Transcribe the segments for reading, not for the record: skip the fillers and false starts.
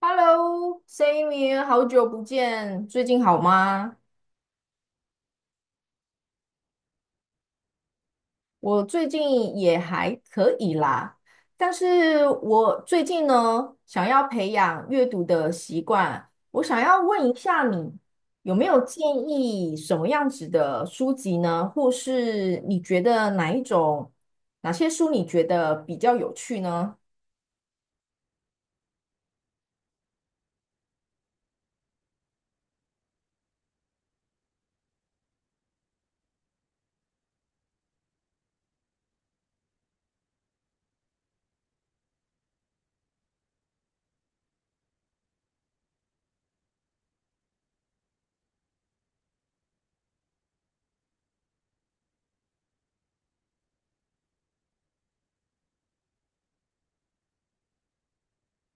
Hello, Sammy，好久不见，最近好吗？我最近也还可以啦，但是我最近呢，想要培养阅读的习惯，我想要问一下你，有没有建议什么样子的书籍呢？或是你觉得哪一种，哪些书你觉得比较有趣呢？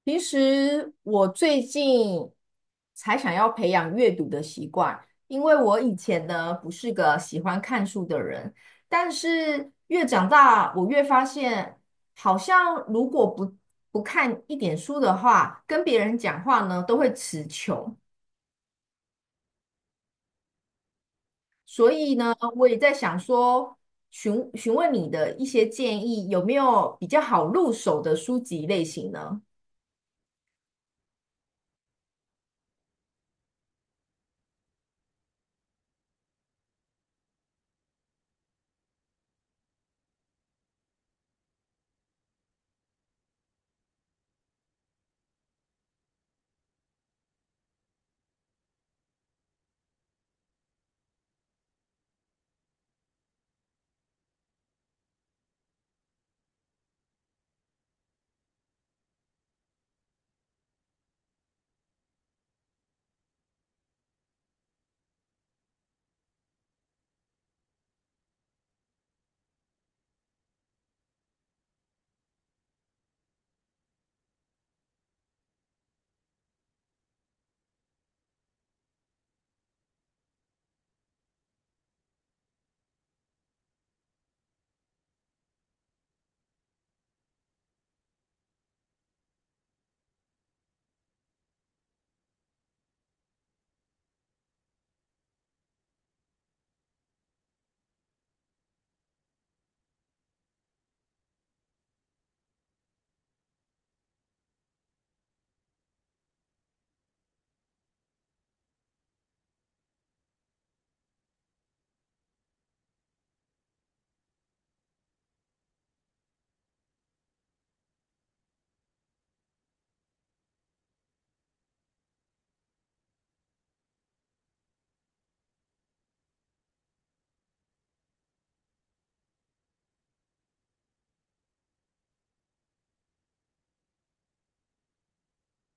其实我最近才想要培养阅读的习惯，因为我以前呢不是个喜欢看书的人，但是越长大，我越发现，好像如果不看一点书的话，跟别人讲话呢都会词穷，所以呢，我也在想说，询问你的一些建议，有没有比较好入手的书籍类型呢？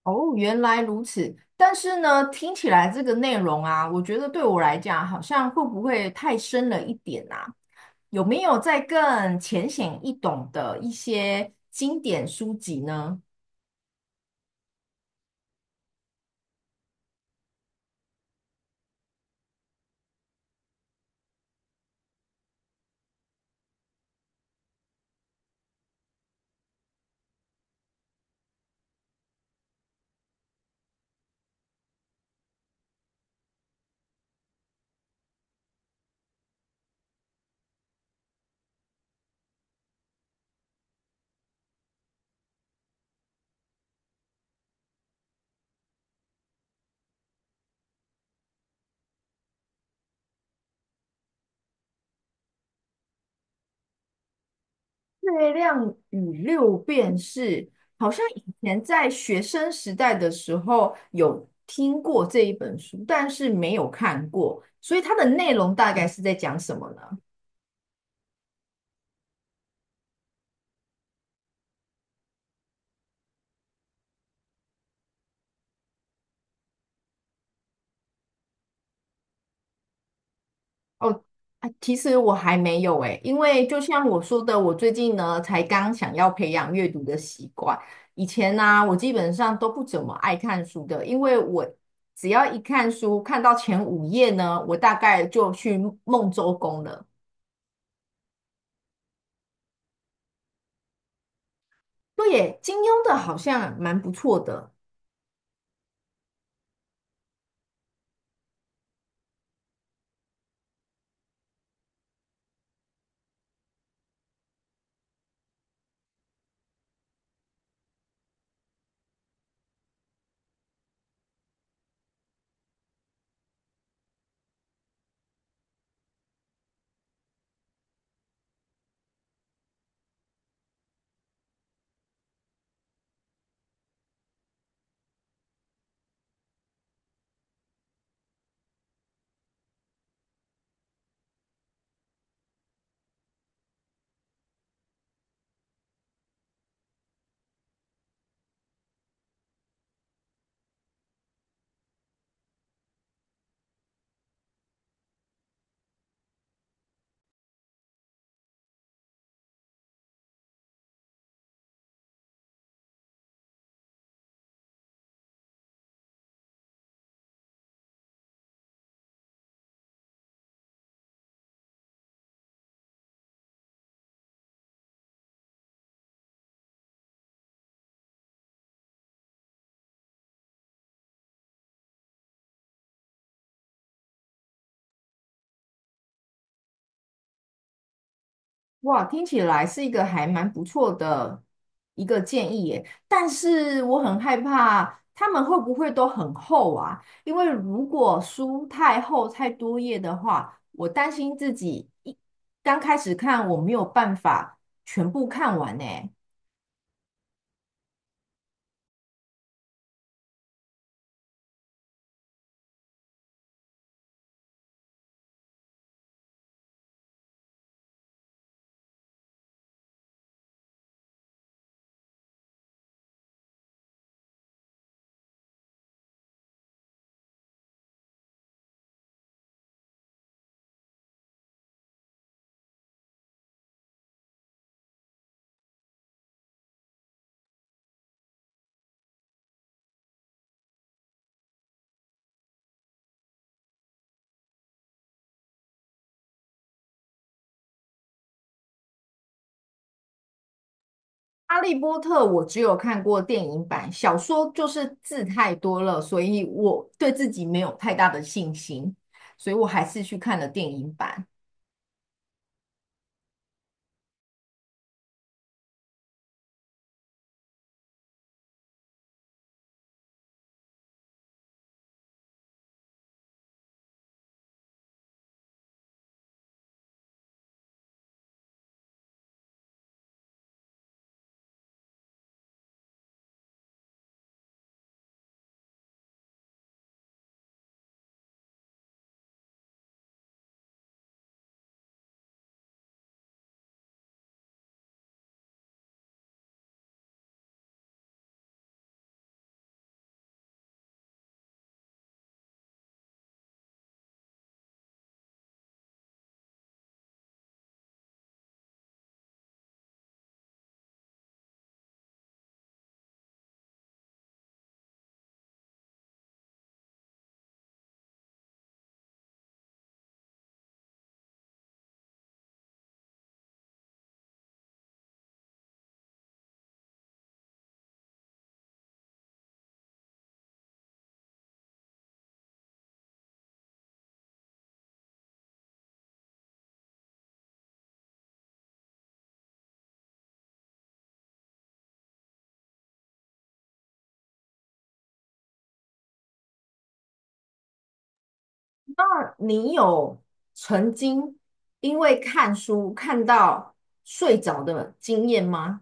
哦，原来如此。但是呢，听起来这个内容啊，我觉得对我来讲，好像会不会太深了一点啊？有没有再更浅显易懂的一些经典书籍呢？《月亮与六便士》好像以前在学生时代的时候有听过这一本书，但是没有看过，所以它的内容大概是在讲什么呢？哦，啊，其实我还没有诶，因为就像我说的，我最近呢才刚想要培养阅读的习惯。以前呢、我基本上都不怎么爱看书的，因为我只要一看书，看到前五页呢，我大概就去梦周公了。对耶，金庸的好像蛮不错的。哇，听起来是一个还蛮不错的一个建议耶，但是我很害怕他们会不会都很厚啊？因为如果书太厚太多页的话，我担心自己一刚开始看我没有办法全部看完呢。《哈利波特》我只有看过电影版，小说就是字太多了，所以我对自己没有太大的信心，所以我还是去看了电影版。你有曾经因为看书看到睡着的经验吗？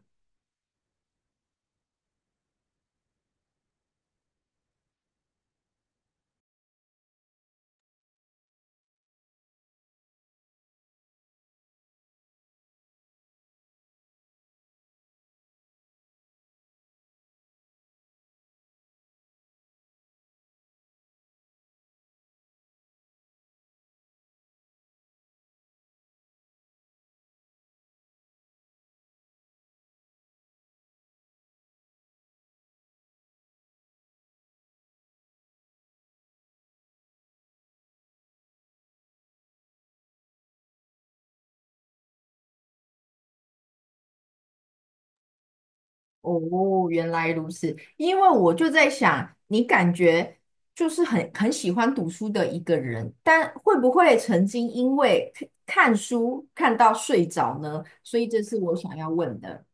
哦，原来如此。因为我就在想，你感觉就是很喜欢读书的一个人，但会不会曾经因为看书看到睡着呢？所以这是我想要问的。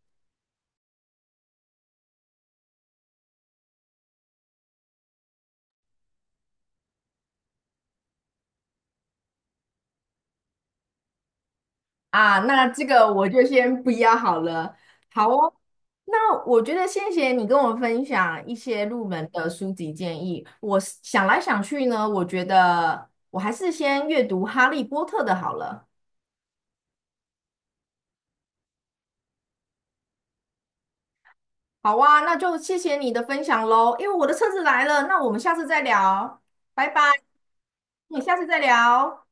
啊，那这个我就先不要好了。好哦，那我觉得谢谢你跟我分享一些入门的书籍建议。我是想来想去呢，我觉得我还是先阅读《哈利波特》的好了。好啊，那就谢谢你的分享喽。因为我的车子来了，那我们下次再聊，拜拜。你下次再聊。